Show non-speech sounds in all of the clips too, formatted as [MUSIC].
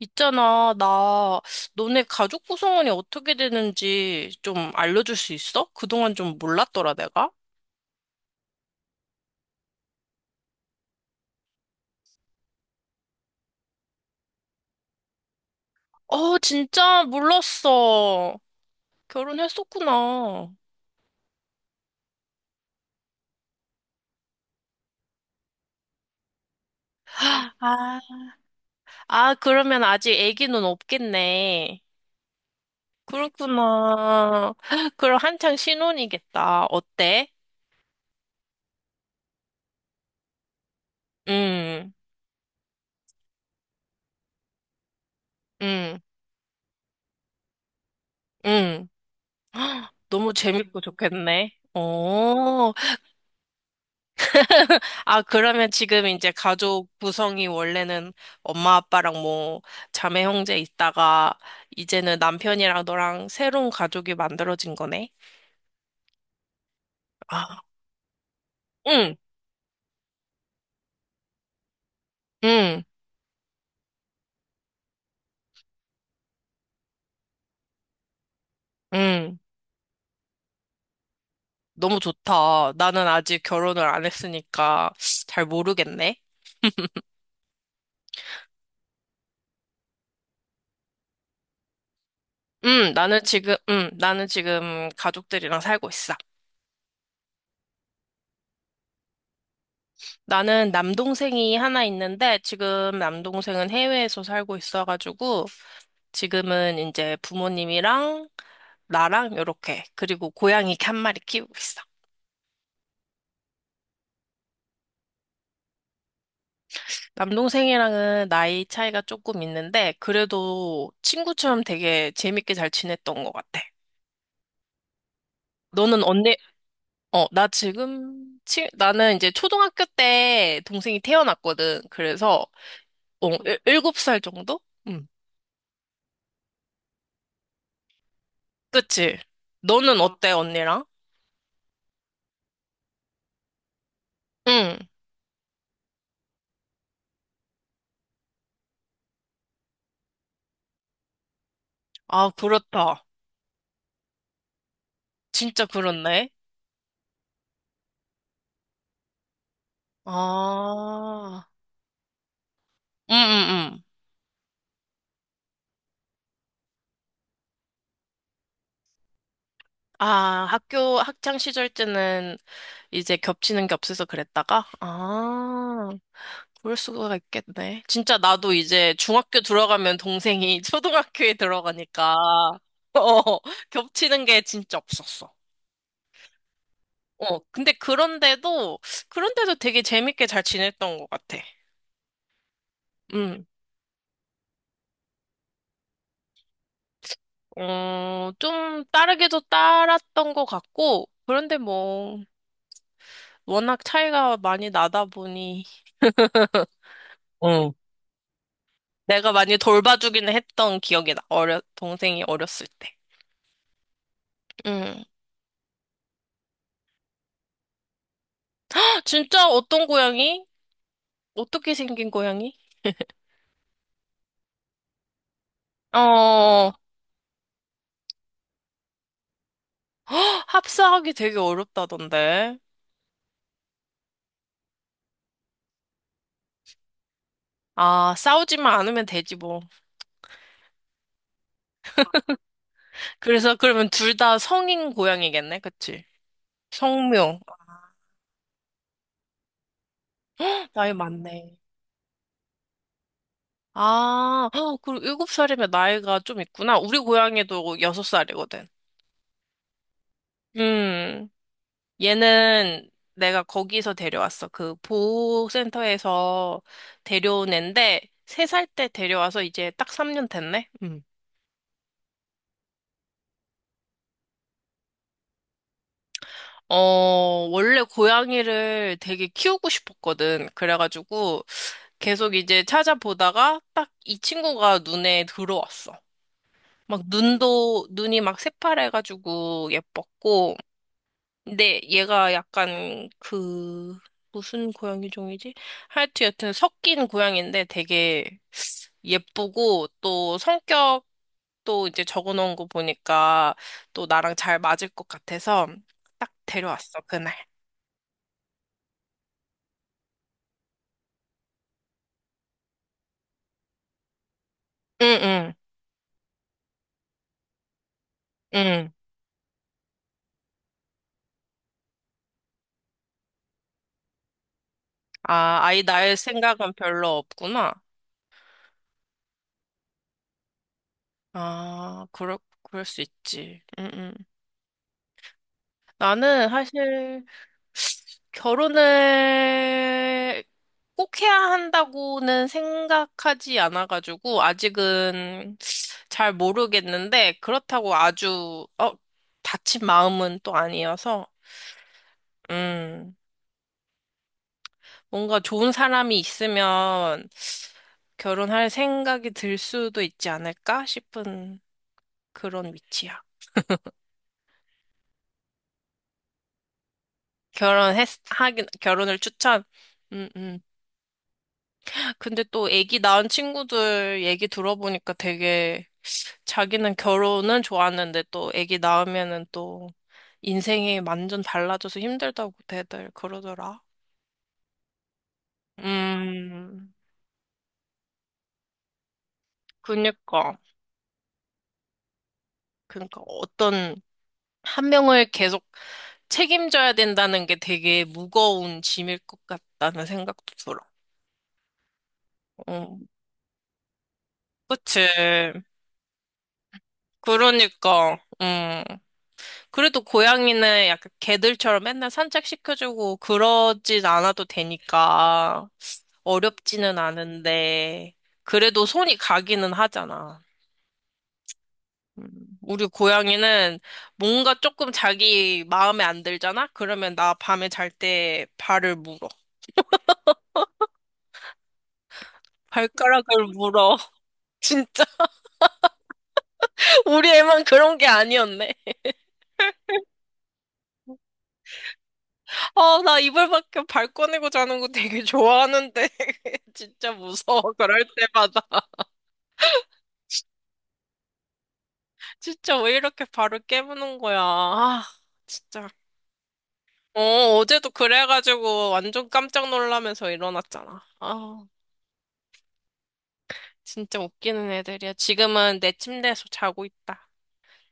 있잖아, 나 너네 가족 구성원이 어떻게 되는지 좀 알려줄 수 있어? 그동안 좀 몰랐더라, 내가. 어, 진짜 몰랐어. 결혼했었구나. 아, 아, 그러면 아직 아기는 없겠네. 그렇구나. [LAUGHS] 그럼 한창 신혼이겠다. 어때? 응, 응, 응. [GASPS] 너무 재밌고 좋겠네. 어, 아, 그러면 지금 이제 가족 구성이 원래는 엄마, 아빠랑 뭐 자매 형제 있다가 이제는 남편이랑 너랑 새로운 가족이 만들어진 거네? 아, 응, 응, 응. 너무 좋다. 나는 아직 결혼을 안 했으니까 잘 모르겠네. 응, 나는 지금, 응, 나는 지금 가족들이랑 살고 있어. 나는 남동생이 하나 있는데 지금 남동생은 해외에서 살고 있어가지고 지금은 이제 부모님이랑 나랑 요렇게 그리고 고양이 이렇게 한 마리 키우고 있어. 남동생이랑은 나이 차이가 조금 있는데 그래도 친구처럼 되게 재밌게 잘 지냈던 것 같아. 너는 언니, 어, 나 지금, 치, 나는 이제 초등학교 때 동생이 태어났거든. 그래서, 어, 일곱 살 정도? 응, 그치. 너는 어때, 언니랑? 응. 아, 그렇다. 진짜 그렇네. 아, 응, 응, 응. 아, 학교 학창 시절 때는 이제 겹치는 게 없어서 그랬다가? 아, 그럴 수가 있겠네. 진짜 나도 이제 중학교 들어가면 동생이 [LAUGHS] 초등학교에 들어가니까, 어, 겹치는 게 진짜 없었어. 어, 그런데도 되게 재밌게 잘 지냈던 것 같아. 음, 어, 좀 따르게도 따랐던 것 같고, 그런데 뭐, 워낙 차이가 많이 나다 보니, 어. 내가 많이 돌봐주기는 했던 기억이 나. 동생이 어렸을 때. 음. 진짜 어떤 고양이? 어떻게 생긴 고양이? 어, 헉, 합사하기 되게 어렵다던데. 아, 싸우지만 않으면 되지 뭐. 그래서 그러면 둘 다 성인 고양이겠네, 그치? 성묘. 나이 많네. 아, 헉, 그리고 일곱 살이면 나이가 좀 있구나. 우리 고양이도 여섯 살이거든. 음. 얘는 내가 거기서 데려왔어. 그 보호센터에서 데려온 앤데, 세 살 때 데려와서 이제 딱 3년 됐네? 음. 어, 원래 고양이를 되게 키우고 싶었거든. 그래가지고 계속 이제 찾아보다가 딱 이 친구가 눈에 들어왔어. 막 눈이 막 새파래가지고 예뻤고, 근데 얘가 약간 그 무슨 고양이 종이지? 하여튼 여튼 섞인 고양인데 되게 예쁘고 또 성격도 이제 적어놓은 거 보니까 또 나랑 잘 맞을 것 같아서 딱 데려왔어 그날. 응응 응. 응. 아 아이 낳을 생각은 별로 없구나. 아 그럴 수 있지. 응응. 나는 사실 결혼을 꼭 해야 한다고는 생각하지 않아가지고, 아직은 잘 모르겠는데, 그렇다고 아주, 어, 다친 마음은 또 아니어서, 음, 뭔가 좋은 사람이 있으면 결혼할 생각이 들 수도 있지 않을까 싶은 그런 위치야. 결혼을 추천. 음, 음. 근데 또 애기 낳은 친구들 얘기 들어보니까 되게 자기는 결혼은 좋았는데 또 아기 낳으면은 또 인생이 완전 달라져서 힘들다고 대들 그러더라. 음, 그니까. 그니까 어떤 한 명을 계속 책임져야 된다는 게 되게 무거운 짐일 것 같다는 생각도 들어. 음, 그치. 그러니까, 그래도 고양이는 약간 개들처럼 맨날 산책시켜주고 그러진 않아도 되니까. 어렵지는 않은데, 그래도 손이 가기는 하잖아. 음, 우리 고양이는 뭔가 조금 자기 마음에 안 들잖아? 그러면 나 밤에 잘 때 발을 물어. 발가락을 물어. [LAUGHS] 진짜, 우리 애만 그런 게 아니었네. 아, 나 이불 밖에 발 꺼내고 자는 거 되게 좋아하는데. [LAUGHS] 진짜 무서워, 그럴 때마다. [LAUGHS] 진짜 왜 이렇게 발을 깨무는 거야. 아, 진짜. 어, 어제도 그래가지고 완전 깜짝 놀라면서 일어났잖아. 아, 진짜 웃기는 애들이야. 지금은 내 침대에서 자고 있다.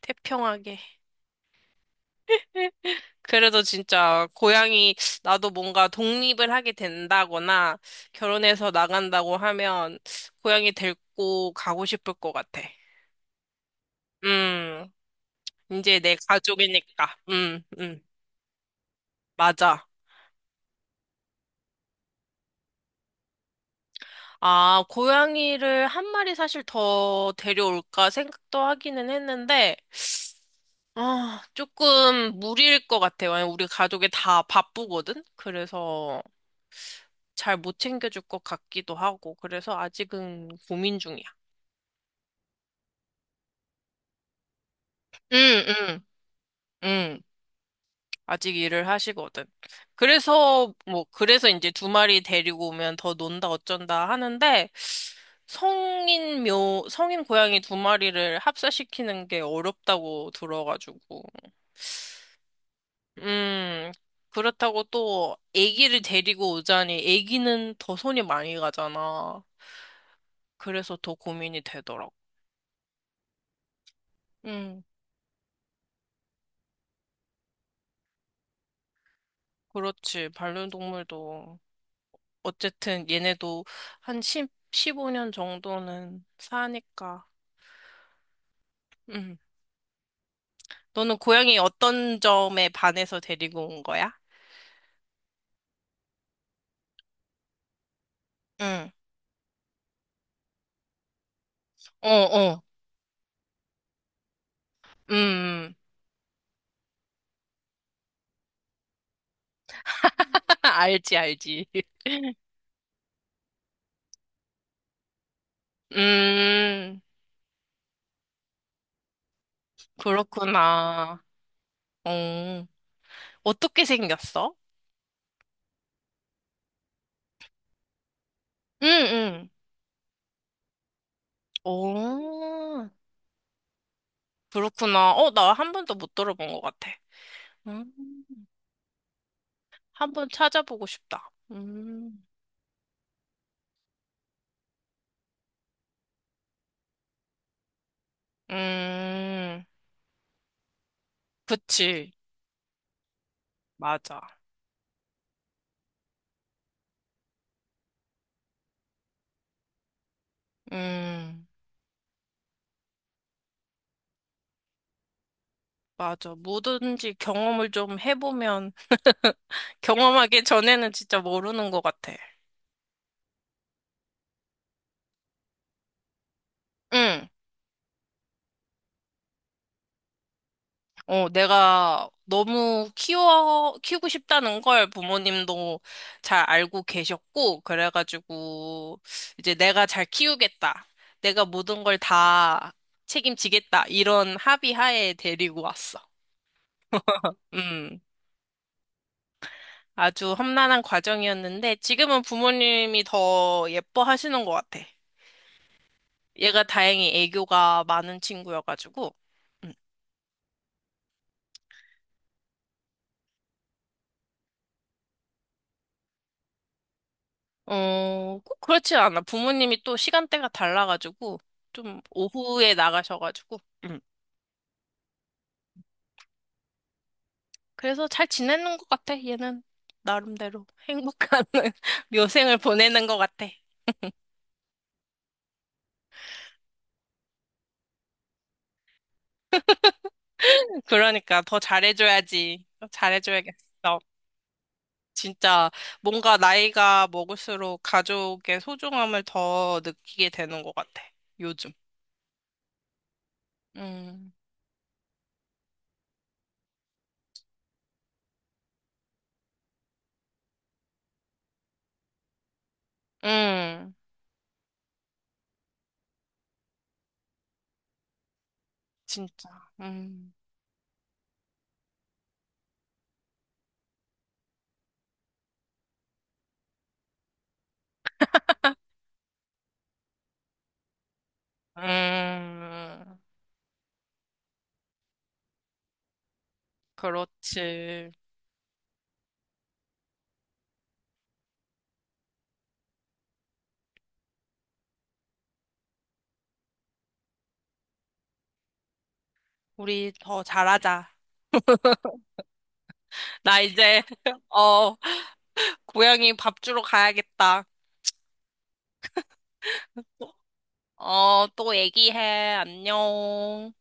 태평하게. 그래도 진짜 고양이 나도 뭔가 독립을 하게 된다거나 결혼해서 나간다고 하면 고양이 데리고 가고 싶을 것 같아. 음, 이제 내 가족이니까. 맞아. 아, 고양이를 한 마리 사실 더 데려올까 생각도 하기는 했는데 아, 조금 무리일 것 같아요. 왜냐면 우리 가족이 다 바쁘거든? 그래서 잘 못 챙겨줄 것 같기도 하고, 그래서 아직은 고민 중이야. 응, 응, 응. 아직 일을 하시거든. 그래서, 뭐, 그래서 이제 두 마리 데리고 오면 더 논다 어쩐다 하는데, 성인 묘, 성인 고양이 두 마리를 합사시키는 게 어렵다고 들어가지고. 음, 그렇다고 또 아기를 데리고 오자니 아기는 더 손이 많이 가잖아. 그래서 더 고민이 되더라고. 응, 그렇지. 반려동물도 어쨌든 얘네도 한1 십오 5년 정도는 사니까. 음. 너는 고양이 어떤 점에 반해서 데리고 온 거야? 응, 어, 어, 음. [LAUGHS] 알지, 알지. [LAUGHS] 음. 그렇구나. 어. 어떻게 생겼어? 응, 응. 오, 그렇구나. 어, 나 한 번도 못 들어본 것 같아. 음, 한번 찾아보고 싶다. 음, 그치. 맞아. 음, 맞아. 뭐든지 경험을 좀 해보면, [LAUGHS] 경험하기 전에는 진짜 모르는 것 같아. 응. 어, 내가 너무 키우고 싶다는 걸 부모님도 잘 알고 계셨고, 그래가지고, 이제 내가 잘 키우겠다. 내가 모든 걸 다 책임지겠다. 이런 합의하에 데리고 왔어. 음, 아주 험난한 과정이었는데, 지금은 부모님이 더 예뻐하시는 것 같아. 얘가 다행히 애교가 많은 친구여가지고. 음. 어, 꼭 그렇진 않아. 부모님이 또 시간대가 달라가지고, 좀 오후에 나가셔가지고, 음. 그래서 잘 지내는 것 같아, 얘는. 나름대로 행복한 [LAUGHS] 묘생을 보내는 것 같아. 그러니까 더 잘해줘야지. 더 잘해줘야겠어. 진짜 뭔가 나이가 먹을수록 가족의 소중함을 더 느끼게 되는 것 같아, 요즘. 음, 음, 진짜. 음, 음, 그렇지. 우리 더 잘하자. 나 이제, [LAUGHS] 어, 고양이 밥 주러 가야겠다. 어, 또 얘기해. 안녕.